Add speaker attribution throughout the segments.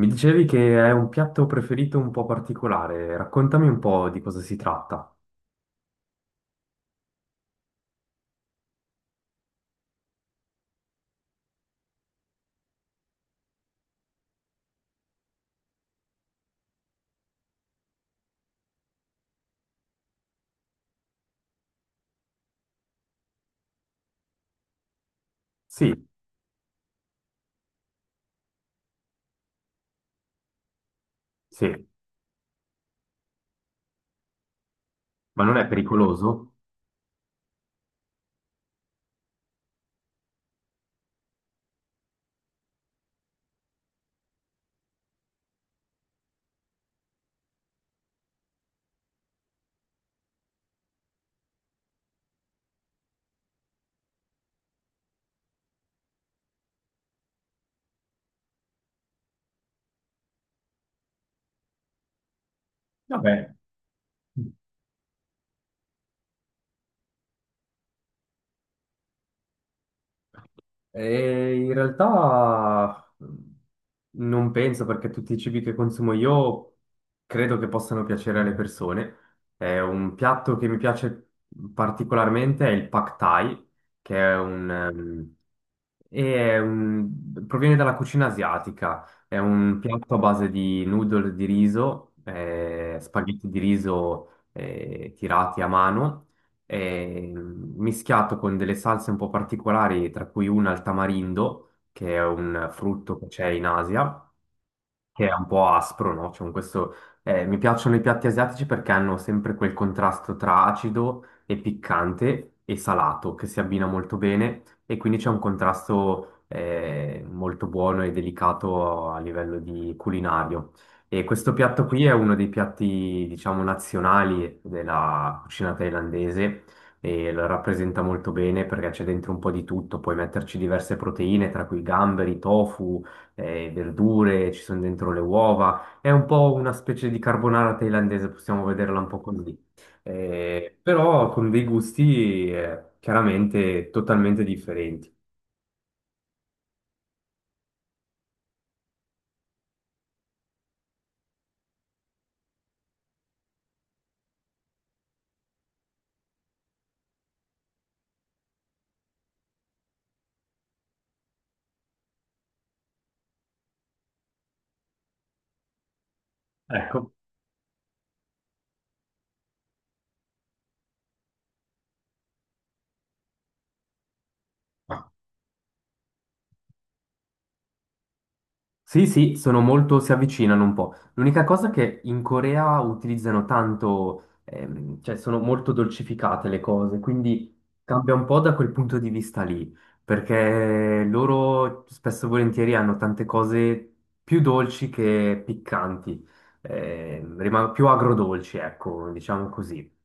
Speaker 1: Mi dicevi che è un piatto preferito un po' particolare, raccontami un po' di cosa si tratta. Sì, sì, ma non è pericoloso? Vabbè. E in realtà non penso perché tutti i cibi che consumo io credo che possano piacere alle persone. È un piatto che mi piace particolarmente è il Pad Thai, che è un, e è un- proviene dalla cucina asiatica. È un piatto a base di noodle di riso, spaghetti di riso tirati a mano mischiato con delle salse un po' particolari, tra cui una al tamarindo, che è un frutto che c'è in Asia, che è un po' aspro, no? Cioè, con questo, mi piacciono i piatti asiatici perché hanno sempre quel contrasto tra acido e piccante e salato che si abbina molto bene e quindi c'è un contrasto molto buono e delicato a livello di culinario. E questo piatto qui è uno dei piatti, diciamo, nazionali della cucina thailandese e lo rappresenta molto bene perché c'è dentro un po' di tutto, puoi metterci diverse proteine, tra cui gamberi, tofu verdure, ci sono dentro le uova, è un po' una specie di carbonara thailandese, possiamo vederla un po' così. Però con dei gusti chiaramente totalmente differenti. Ecco. Sì, sì, sono molto, si avvicinano un po'. L'unica cosa è che in Corea utilizzano tanto, cioè sono molto dolcificate le cose, quindi cambia un po' da quel punto di vista lì, perché loro spesso e volentieri hanno tante cose più dolci che piccanti, più agrodolci, ecco, diciamo così.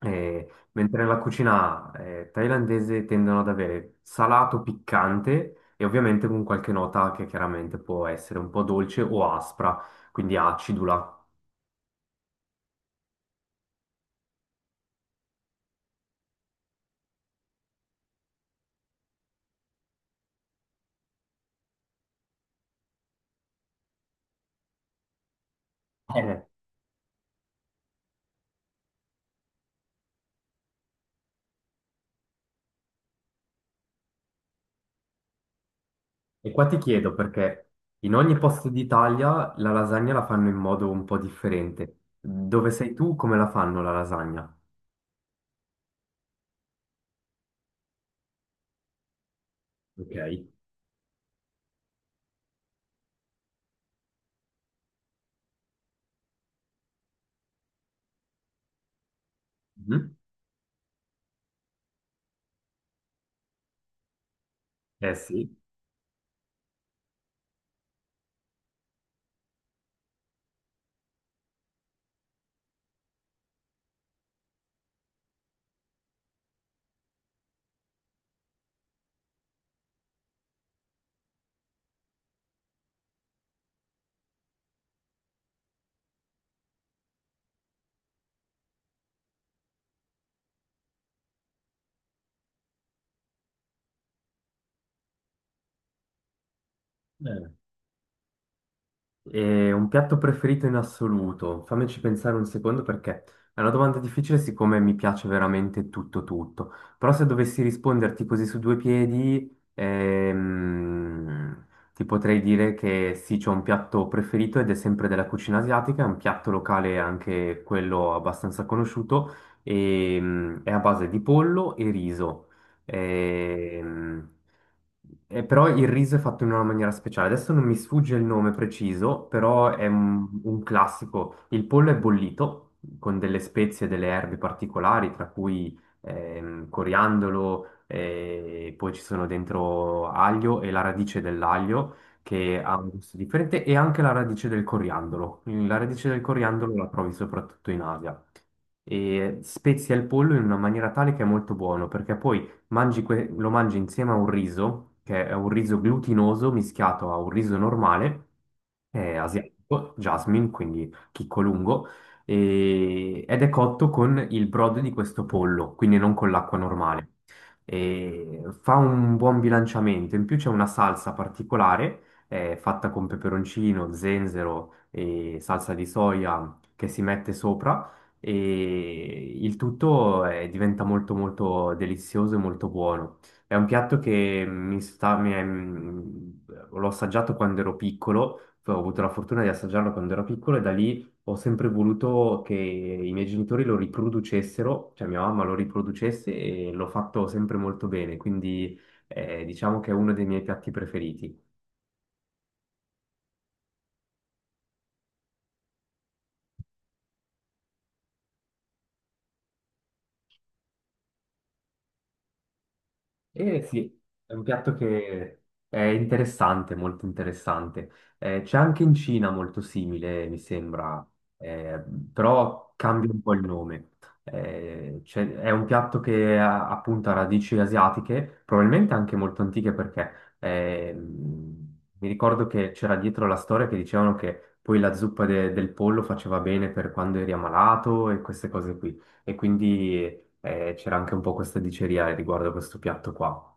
Speaker 1: Eh, Mentre nella cucina thailandese tendono ad avere salato piccante e ovviamente con qualche nota che chiaramente può essere un po' dolce o aspra, quindi acidula. Eh, Eh, e qua ti chiedo perché in ogni posto d'Italia la lasagna la fanno in modo un po' differente. Dove sei tu, come la fanno la lasagna? Ok. Mhm. Eh sì. E un piatto preferito in assoluto? Fammici pensare un secondo perché è una domanda difficile siccome mi piace veramente tutto tutto. Però se dovessi risponderti così su due piedi, ti potrei dire che sì, c'ho un piatto preferito ed è sempre della cucina asiatica, è un piatto locale anche quello abbastanza conosciuto e, mm, è a base di pollo e riso. Ehm, Però il riso è fatto in una maniera speciale. Adesso non mi sfugge il nome preciso, però è un classico. Il pollo è bollito con delle spezie e delle erbe particolari, tra cui coriandolo, poi ci sono dentro aglio e la radice dell'aglio che ha un gusto differente e anche la radice del coriandolo. La radice del coriandolo la trovi soprattutto in Asia e spezia il pollo in una maniera tale che è molto buono, perché poi lo mangi insieme a un riso, che è un riso glutinoso mischiato a un riso normale, è asiatico, jasmine, quindi chicco lungo, ed è cotto con il brodo di questo pollo, quindi non con l'acqua normale. E fa un buon bilanciamento, in più c'è una salsa particolare, fatta con peperoncino, zenzero e salsa di soia che si mette sopra e il tutto diventa molto molto delizioso e molto buono. È un piatto che mi sta, mi è- mm, l'ho assaggiato quando ero piccolo, cioè, ho avuto la fortuna di assaggiarlo quando ero piccolo e da lì ho sempre voluto che i miei genitori lo riproducessero, cioè mia mamma lo riproducesse e l'ho fatto sempre molto bene, quindi diciamo che è uno dei miei piatti preferiti. Eh sì, è un piatto che è interessante, molto interessante. C'è anche in Cina molto simile, mi sembra, eh, però cambia un po' il nome. È un piatto che ha appunto ha radici asiatiche, probabilmente anche molto antiche perché mi ricordo che c'era dietro la storia che dicevano che poi del pollo faceva bene per quando eri ammalato e queste cose qui. E quindi c'era anche un po' questa diceria riguardo a questo piatto qua.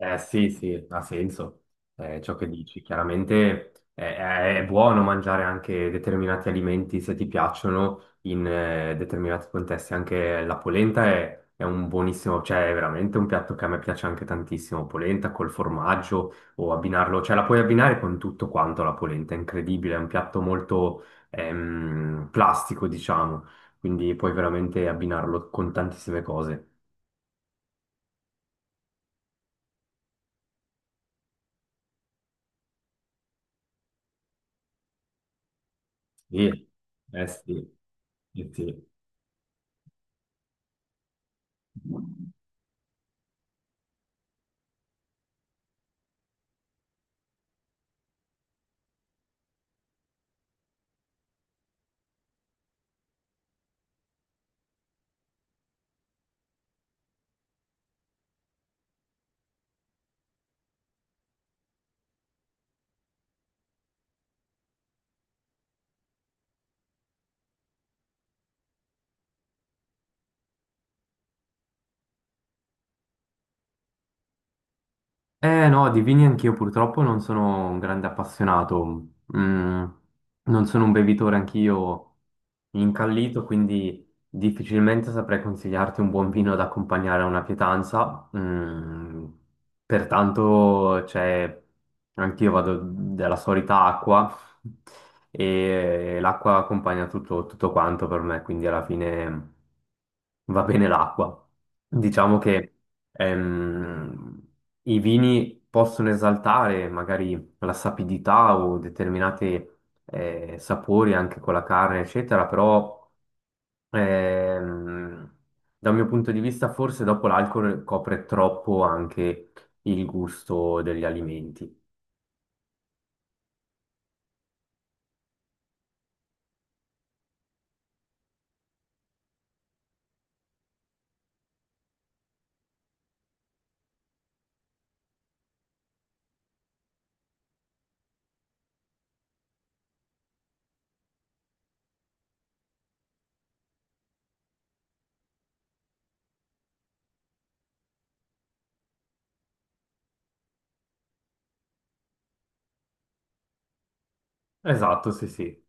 Speaker 1: Eh sì, sì, ha senso ciò che dici. Chiaramente è buono mangiare anche determinati alimenti se ti piacciono in determinati contesti. Anche la polenta è un buonissimo, cioè è veramente un piatto che a me piace anche tantissimo. Polenta col formaggio o abbinarlo, cioè la puoi abbinare con tutto quanto la polenta, è incredibile, è un piatto molto plastico, diciamo, quindi puoi veramente abbinarlo con tantissime cose. Sì, eh sì, eh sì. Eh no, di vini anch'io purtroppo non sono un grande appassionato. Mm, non sono un bevitore anch'io incallito, quindi difficilmente saprei consigliarti un buon vino da accompagnare a una pietanza. Mm, pertanto, cioè, anch'io vado della solita acqua e l'acqua accompagna tutto, tutto quanto per me, quindi alla fine va bene l'acqua. Diciamo che ehm, i vini possono esaltare magari la sapidità o determinate sapori anche con la carne, eccetera, però ehm, dal mio punto di vista forse dopo l'alcol copre troppo anche il gusto degli alimenti. Esatto, sì, sì.